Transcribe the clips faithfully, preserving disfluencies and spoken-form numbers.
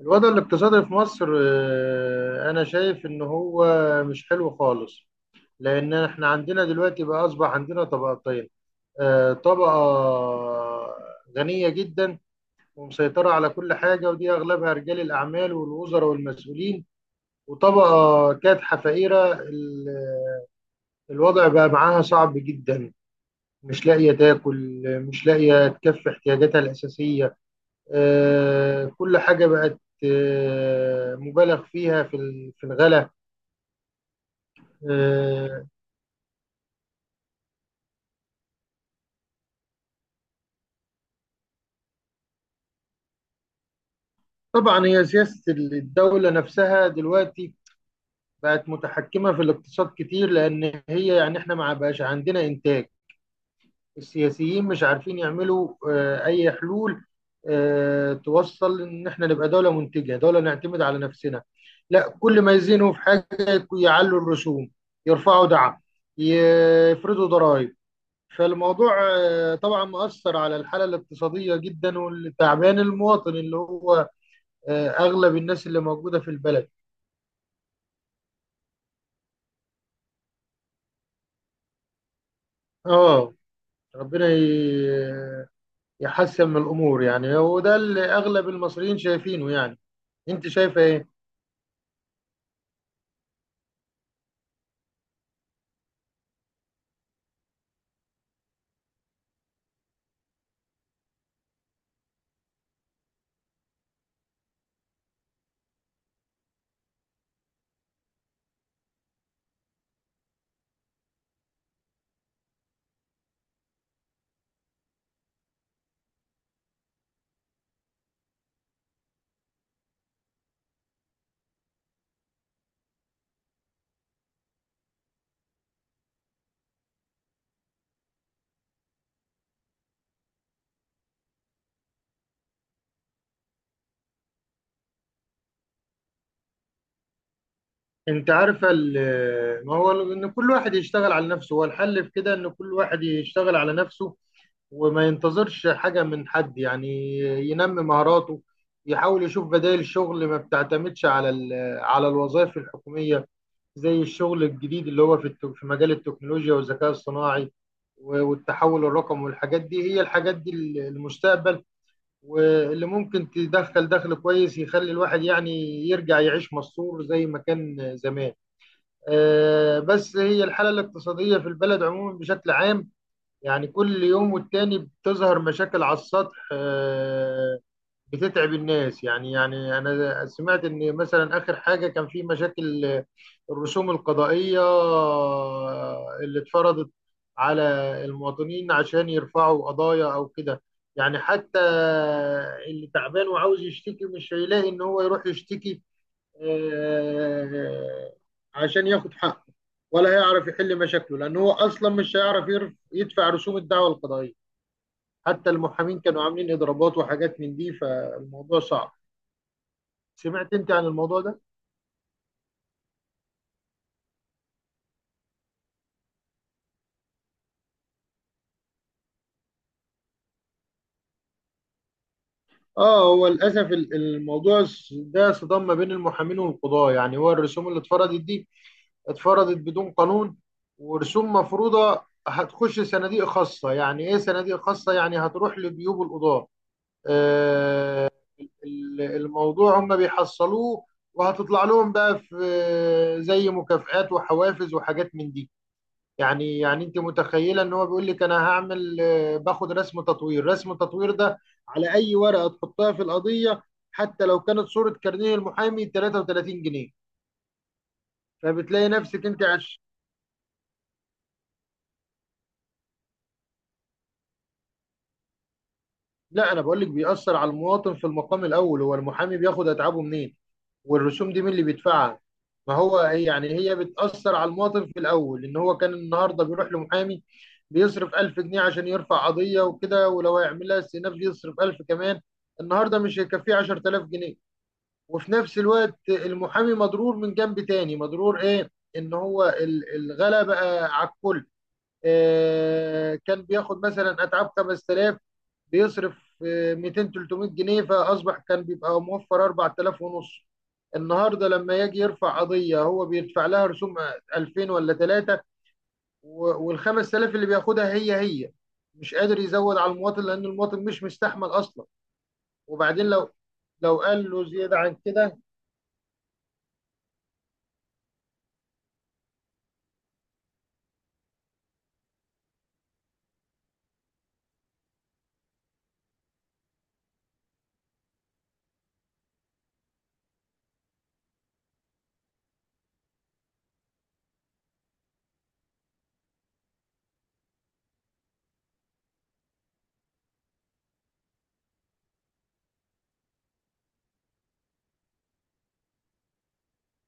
الوضع الاقتصادي في مصر آه، أنا شايف إن هو مش حلو خالص. لأن إحنا عندنا دلوقتي بقى أصبح عندنا طبقتين، آه، طبقة غنية جدا ومسيطرة على كل حاجة، ودي أغلبها رجال الأعمال والوزراء والمسؤولين. وطبقة كادحة فقيرة ال- الوضع بقى معاها صعب جدا، مش لاقية تاكل، مش لاقية تكفي احتياجاتها الأساسية. آه، كل حاجة بقت آه، مبالغ فيها في ال- في الغلا. آه، طبعا هي سياسة الدولة نفسها دلوقتي بقت متحكمة في الاقتصاد كتير، لأن هي يعني احنا ما بقاش عندنا إنتاج. السياسيين مش عارفين يعملوا آه، أي حلول آه، توصل إن احنا نبقى دولة منتجة، دولة نعتمد على نفسنا. لا، كل ما يزينوا في حاجة يعلوا الرسوم، يرفعوا دعم، يفرضوا ضرائب. فالموضوع آه، طبعا مؤثر على الحالة الاقتصادية جدا، والتعبان المواطن اللي هو آه، أغلب الناس اللي موجودة في البلد. اه، ربنا ي- يحسن من الأمور، يعني. وده اللي أغلب المصريين شايفينه، يعني. أنت شايفة إيه؟ انت عارف، ال- ما هو ان كل واحد يشتغل على نفسه هو الحل. في كده ان كل واحد يشتغل على نفسه وما ينتظرش حاجة من حد، يعني ينمي مهاراته، يحاول يشوف بدائل شغل ما بتعتمدش على ال- على الوظائف الحكومية، زي الشغل الجديد اللي هو في التك- في مجال التكنولوجيا والذكاء الصناعي و- والتحول الرقمي والحاجات دي. هي الحاجات دي ال- المستقبل، واللي ممكن تدخل دخل كويس يخلي الواحد يعني يرجع يعيش مستور زي ما كان زمان. آه، بس هي الحالة الاقتصادية في البلد عموما بشكل عام، يعني كل يوم والتاني بتظهر مشاكل على السطح آه، بتتعب الناس. يعني يعني أنا سمعت إن مثلا آخر حاجة كان في مشاكل آه، الرسوم القضائية آه، اللي اتفرضت على المواطنين عشان يرفعوا قضايا أو كده. يعني حتى اللي تعبان وعاوز يشتكي مش هيلاقي إن هو يروح يشتكي آه، عشان ياخد حقه، ولا هيعرف يحل مشاكله، لأن هو أصلا مش هيعرف يرف- يدفع رسوم الدعوى القضائية. حتى المحامين كانوا عاملين إضرابات وحاجات من دي. فالموضوع صعب. سمعت أنت عن الموضوع ده؟ آه، هو للأسف ال- الموضوع س- ده صدام ما بين المحامين والقضاة. يعني هو الرسوم اللي اتفرضت دي اتفرضت بدون قانون، ورسوم مفروضة هتخش صناديق خاصة. يعني إيه صناديق خاصة؟ يعني هتروح لجيوب القضاة. آه، ال- الموضوع هم بيحصلوه، وهتطلع لهم بقى في زي مكافآت وحوافز وحاجات من دي. يعني يعني انت متخيله ان هو بيقول لك: انا هعمل، آه، باخد رسم تطوير. رسم التطوير ده على اي ورقه تحطها في القضيه، حتى لو كانت صوره كارنيه المحامي، تلاتة وتلاتين جنيه. فبتلاقي نفسك انت... لا، انا بقول لك بيأثر على المواطن في المقام الاول. هو المحامي بياخد اتعابه منين؟ والرسوم دي مين اللي بيدفعها؟ ما هو هي- يعني هي بتأثر على المواطن في الاول. ان هو كان النهارده بيروح لمحامي بيصرف ألف جنيه عشان يرفع قضية وكده، ولو هيعمل لها استئناف يصرف ألف كمان. النهارده مش هيكفيه عشرة آلاف جنيه. وفي نفس الوقت المحامي مضرور من جنب تاني. مضرور ايه؟ ان هو ال- الغلا بقى على الكل. آه، كان بياخد مثلا اتعاب خمست آلاف، بيصرف آه، ميتين تلتمية جنيه، فاصبح كان بيبقى موفر أربعة آلاف ونص. النهارده لما يجي يرفع قضيه هو بيدفع لها رسوم ألفين ولا تلاتة. وال خمسة آلاف اللي بياخدها هي هي مش قادر يزود على المواطن، لان المواطن مش مستحمل اصلا. وبعدين لو لو قال له زياده عن كده...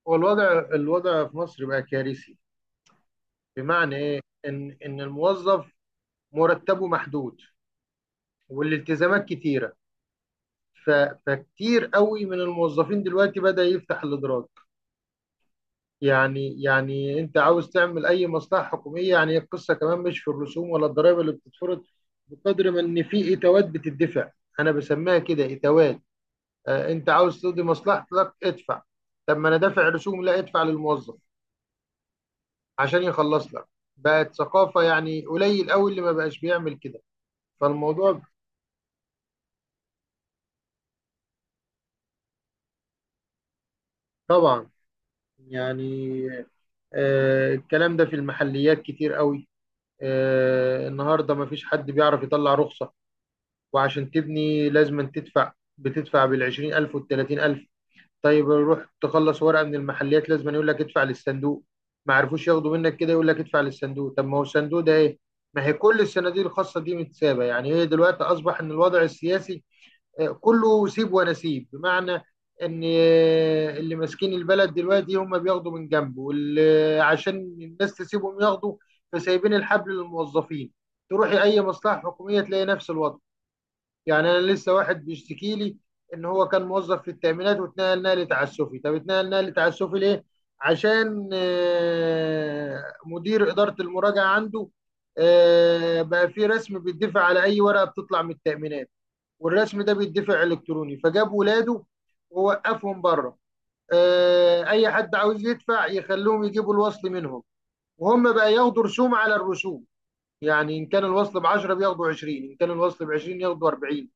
هو الوضع الوضع في مصر بقى كارثي. بمعنى ايه؟ ان ان الموظف مرتبه محدود والالتزامات كتيره. ف... فكتير قوي من الموظفين دلوقتي بدأ يفتح الإدراك. يعني يعني أنت عاوز تعمل أي مصلحة حكومية. يعني القصة كمان مش في الرسوم ولا الضرائب اللي بتتفرض، بقدر ما إن في إتاوات بتدفع. أنا بسميها كده، إتاوات. آه أنت عاوز تقضي مصلحتك، ادفع. طب ما أنا دافع رسوم؟ لا، ادفع للموظف عشان يخلص لك. بقت ثقافة، يعني قليل قوي اللي ما بقاش بيعمل كده. فالموضوع طبعا، يعني آه الكلام ده في المحليات كتير قوي. آه، النهارده مفيش حد بيعرف يطلع رخصة، وعشان تبني لازم أن تدفع. بتدفع بالعشرين ألف والتلاتين ألف. طيب روح تخلص ورقة من المحلات، لازم أن يقول لك ادفع للصندوق. ما عرفوش ياخدوا منك كده، يقول لك ادفع للصندوق. طب ما هو الصندوق ده ايه؟ ما هي كل الصناديق الخاصة دي متسابة. يعني هي دلوقتي أصبح إن الوضع السياسي كله سيب ونسيب. بمعنى ان، آه، اللي ماسكين البلد دلوقتي هم بياخدوا من جنبه، واللي عشان الناس تسيبهم ياخدوا فسايبين الحبل للموظفين. تروحي اي مصلحه حكوميه تلاقي نفس الوضع. يعني انا لسه واحد بيشتكي لي ان هو كان موظف في التامينات واتنقل نقل تعسفي. طب اتنقل نقل تعسفي ليه؟ عشان آه، مدير اداره المراجعه عنده آه، بقى في رسم بيدفع على اي ورقه بتطلع من التامينات، والرسم ده بيدفع الكتروني. فجاب ولاده ووقفهم بره، آه، اي حد عاوز يدفع يخلوهم يجيبوا الوصل منهم، وهم بقى ياخدوا رسوم على الرسوم. يعني ان كان الوصل ب عشرة بياخدوا عشرين، ان كان الوصل ب عشرين ياخدوا أربعين.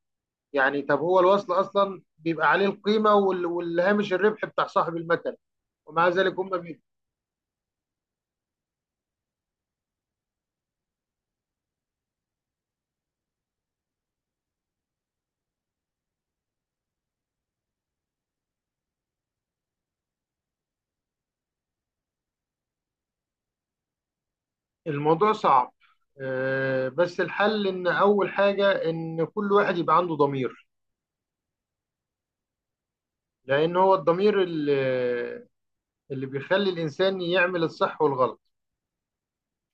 يعني طب هو الوصل اصلا بيبقى عليه القيمه وال- والهامش الربح بتاع صاحب المكن. ومع ذلك هم بي... الموضوع صعب. آه، بس الحل ان اول حاجه ان كل واحد يبقى عنده ضمير. لان هو الضمير، ال- اللي بيخلي الانسان يعمل الصح والغلط.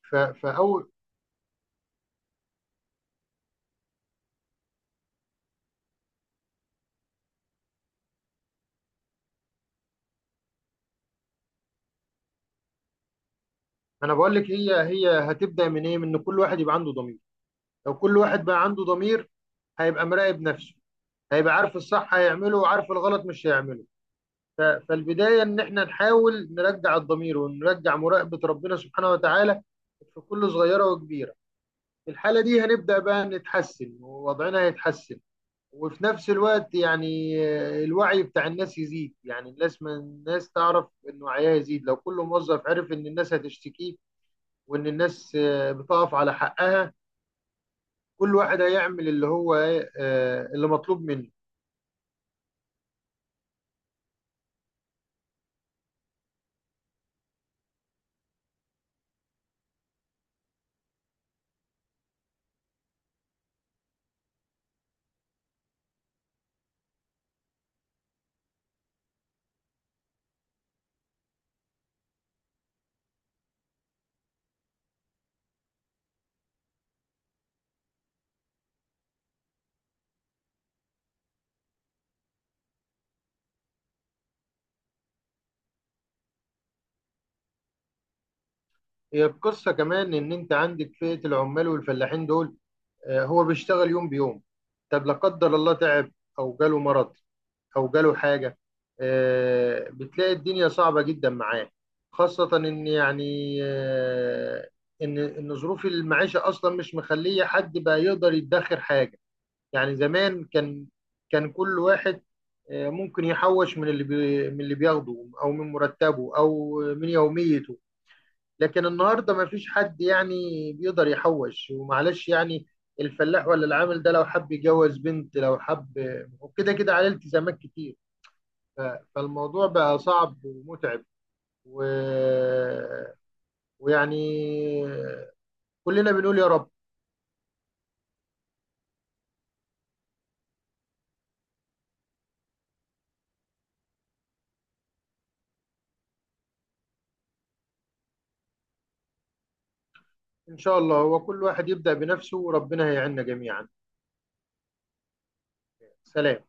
ف... فاول انا بقول لك هي هي هتبدا من ايه؟ من ان كل واحد يبقى عنده ضمير. لو كل واحد بقى عنده ضمير هيبقى مراقب نفسه، هيبقى عارف الصح هيعمله وعارف الغلط مش هيعمله. ف... فالبدايه ان احنا نحاول نرجع الضمير ونرجع مراقبه ربنا سبحانه وتعالى في كل صغيره وكبيره. في الحاله دي هنبدا بقى نتحسن ووضعنا هيتحسن. وفي نفس الوقت يعني آه، الوعي بتاع الناس يزيد. يعني الناس، ما الناس تعرف ان وعيها يزيد، لو كل موظف عرف ان الناس هتشتكي وان الناس آه، بتقف على حقها، كل واحد هيعمل اللي هو آه، اللي مطلوب منه. هي القصة كمان ان انت عندك فئة العمال والفلاحين دول. آه، هو بيشتغل يوم بيوم. طب لا قدر الله تعب، او جاله مرض، او جاله حاجه، آه، بتلاقي الدنيا صعبه جدا معاه. خاصه ان يعني، آه، ان ان ظروف المعيشه اصلا مش مخليه حد بقى يقدر يدخر حاجه. يعني زمان كان، كان كل واحد آه، ممكن يحوش من اللي بي من اللي بياخده او من مرتبه او من يوميته. لكن النهارده ما فيش حد يعني بيقدر يحوش. ومعلش، يعني الفلاح ولا العامل ده لو حب يجوز بنت، لو حب، وكده كده عليه التزامات كتير. ف- فالموضوع بقى صعب ومتعب و... ويعني كلنا بنقول يا رب. إن شاء الله هو كل واحد يبدأ بنفسه، وربنا هيعيننا جميعا. سلام.